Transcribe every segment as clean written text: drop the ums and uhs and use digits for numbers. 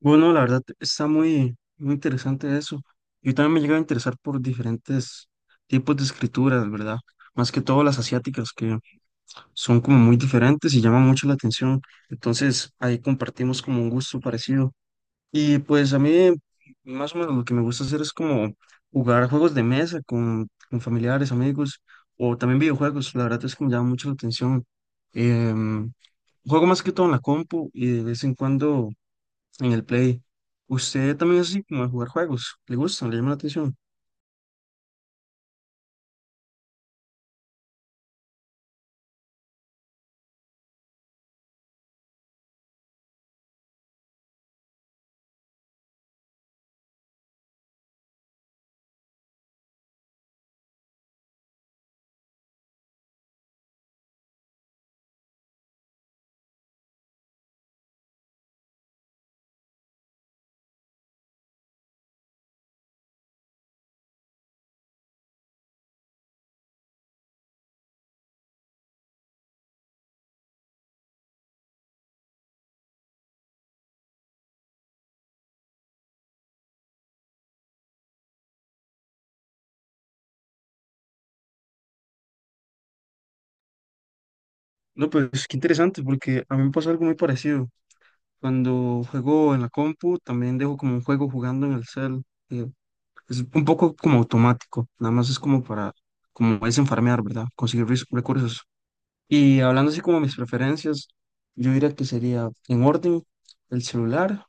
Bueno, la verdad está muy, muy interesante eso. Yo también me llega a interesar por diferentes tipos de escrituras, ¿verdad? Más que todo las asiáticas, que son como muy diferentes y llaman mucho la atención. Entonces ahí compartimos como un gusto parecido. Y pues a mí más o menos lo que me gusta hacer es como jugar juegos de mesa con familiares, amigos, o también videojuegos. La verdad es que me llama mucho la atención. Em, Juego más que todo en la compu y de vez en cuando en el Play. Usted también es así como de jugar juegos, le gusta le llama la atención. No, pues qué interesante, porque a mí me pasó algo muy parecido. Cuando juego en la compu, también dejo como un juego jugando en el cel. eh, es un poco como automático, nada más es como para, como desenfarmear, ¿verdad? Conseguir recursos. Y hablando así como mis preferencias, yo diría que sería en orden el celular,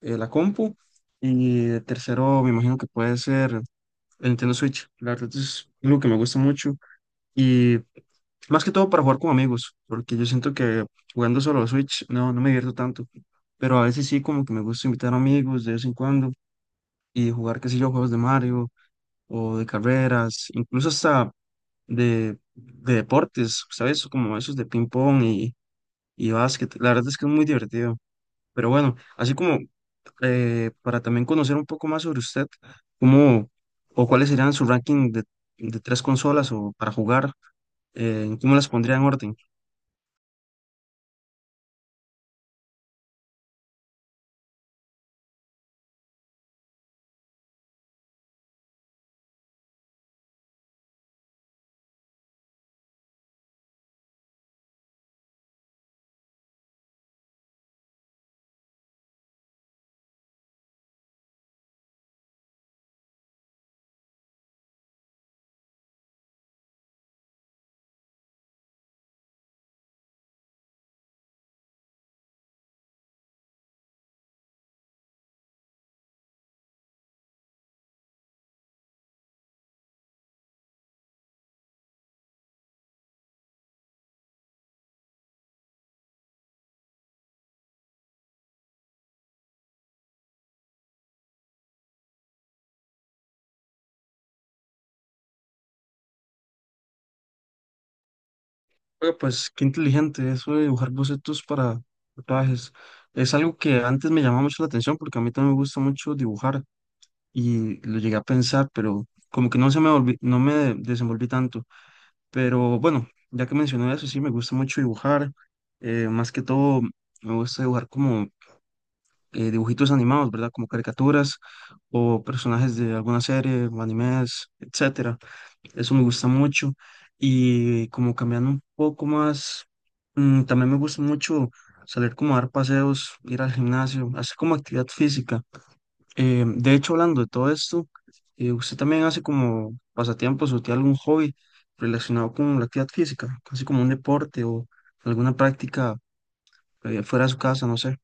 la compu, y de tercero me imagino que puede ser el Nintendo Switch. La verdad es algo que me gusta mucho. Y más que todo para jugar con amigos, porque yo siento que jugando solo Switch no me divierto tanto. Pero a veces sí, como que me gusta invitar amigos de vez en cuando y jugar, qué sé yo, juegos de Mario o de carreras, incluso hasta de deportes, ¿sabes? Como esos de ping-pong y básquet. La verdad es que es muy divertido. Pero bueno, así como para también conocer un poco más sobre usted, ¿cómo o cuáles serían su ranking de tres consolas o para jugar? ¿Cómo las pondría en orden? Oiga, pues qué inteligente eso de dibujar bocetos para tatuajes. Es algo que antes me llamaba mucho la atención porque a mí también me gusta mucho dibujar y lo llegué a pensar, pero como que no se me no me desenvolví tanto. Pero bueno, ya que mencioné eso, sí, me gusta mucho dibujar. Más que todo, me gusta dibujar como dibujitos animados, ¿verdad? Como caricaturas o personajes de alguna serie, o animes, etcétera. Eso me gusta mucho. Y como cambiando un poco más, también me gusta mucho salir como a dar paseos, ir al gimnasio, hacer como actividad física. De hecho, hablando de todo esto, ¿usted también hace como pasatiempos o tiene algún hobby relacionado con la actividad física? Casi como un deporte o alguna práctica fuera de su casa, no sé.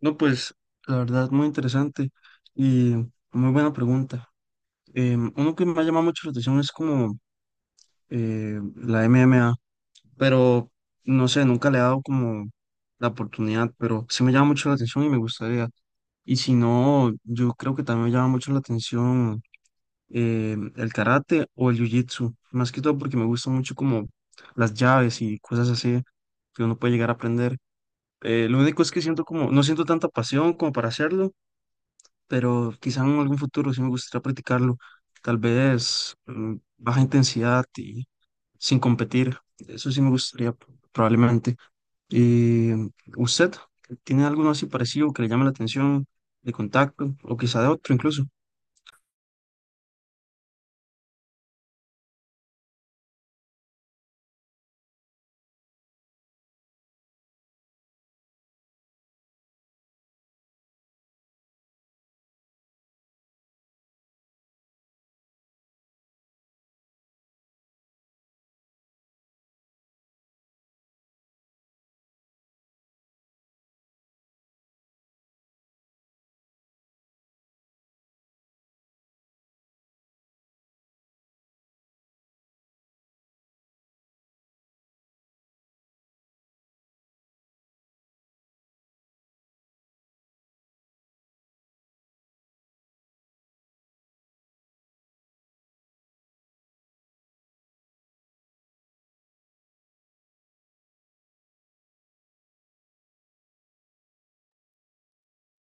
No, pues la verdad, muy interesante y muy buena pregunta. Uno que me ha llamado mucho la atención es como la MMA, pero no sé, nunca le he dado como la oportunidad, pero sí me llama mucho la atención y me gustaría. Y si no, yo creo que también me llama mucho la atención el karate o el jiu-jitsu, más que todo porque me gusta mucho como las llaves y cosas así que uno puede llegar a aprender. Lo único es que siento como, no siento tanta pasión como para hacerlo, pero quizá en algún futuro sí me gustaría practicarlo, tal vez baja intensidad y sin competir, eso sí me gustaría probablemente. ¿Y usted tiene alguno así parecido que le llame la atención de contacto o quizá de otro incluso?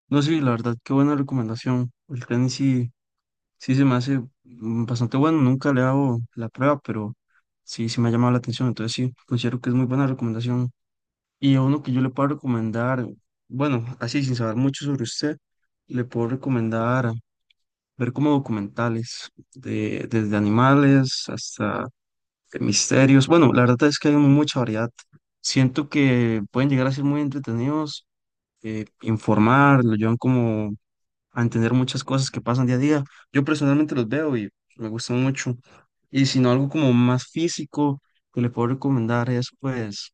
No sé, la verdad, qué buena recomendación. El tenis sí, sí se me hace bastante bueno, nunca le hago la prueba, pero sí, sí me ha llamado la atención, entonces sí, considero que es muy buena recomendación. Y a uno que yo le puedo recomendar, bueno, así sin saber mucho sobre usted, le puedo recomendar ver como documentales, desde animales hasta de misterios. Bueno, la verdad es que hay mucha variedad. Siento que pueden llegar a ser muy entretenidos, informar, lo llevan como a entender muchas cosas que pasan día a día. Yo personalmente los veo y me gustan mucho. Y si no, algo como más físico que le puedo recomendar es pues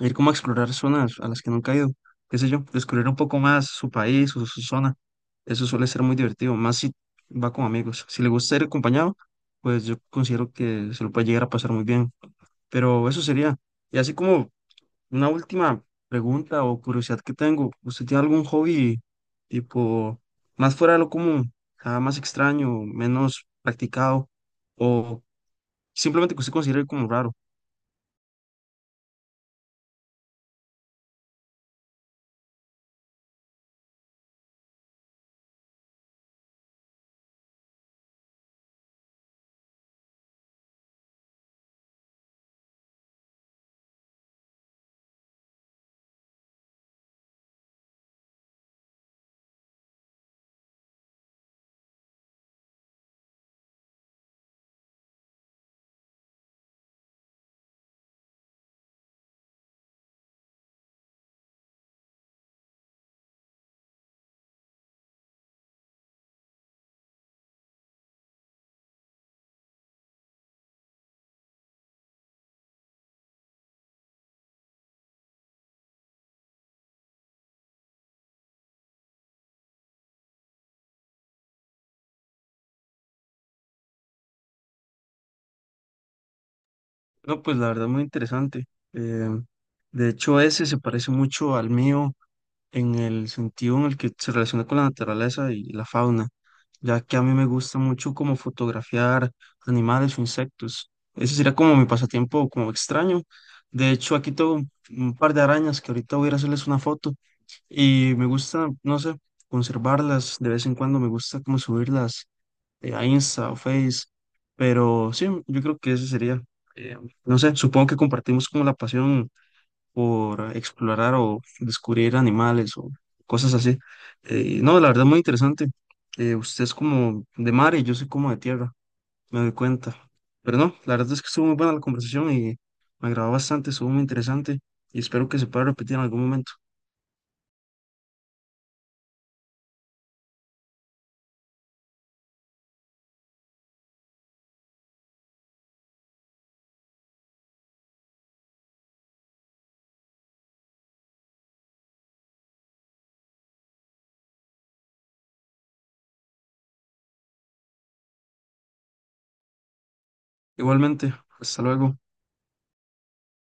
ir como a explorar zonas a las que nunca he ido, qué sé yo, descubrir un poco más su país o su zona. Eso suele ser muy divertido, más si va con amigos. Si le gusta ir acompañado, pues yo considero que se lo puede llegar a pasar muy bien. Pero eso sería. Y así como una última pregunta o curiosidad que tengo, ¿usted tiene algún hobby tipo más fuera de lo común, ah, más extraño, menos practicado o simplemente que usted considere como raro? No, pues la verdad muy interesante. Eh, de hecho, ese se parece mucho al mío en el sentido en el que se relaciona con la naturaleza y la fauna, ya que a mí me gusta mucho como fotografiar animales o insectos. Ese sería como mi pasatiempo como extraño. De hecho, aquí tengo un par de arañas que ahorita voy a ir a hacerles una foto y me gusta, no sé, conservarlas. De vez en cuando me gusta como subirlas a Insta o Face, pero sí, yo creo que ese sería, eh, no sé, supongo que compartimos como la pasión por explorar o descubrir animales o cosas así. No, la verdad muy interesante. Usted es como de mar y yo soy como de tierra, me doy cuenta. Pero no, la verdad es que estuvo muy buena la conversación y me agradó bastante, estuvo muy interesante y espero que se pueda repetir en algún momento. Igualmente, hasta luego.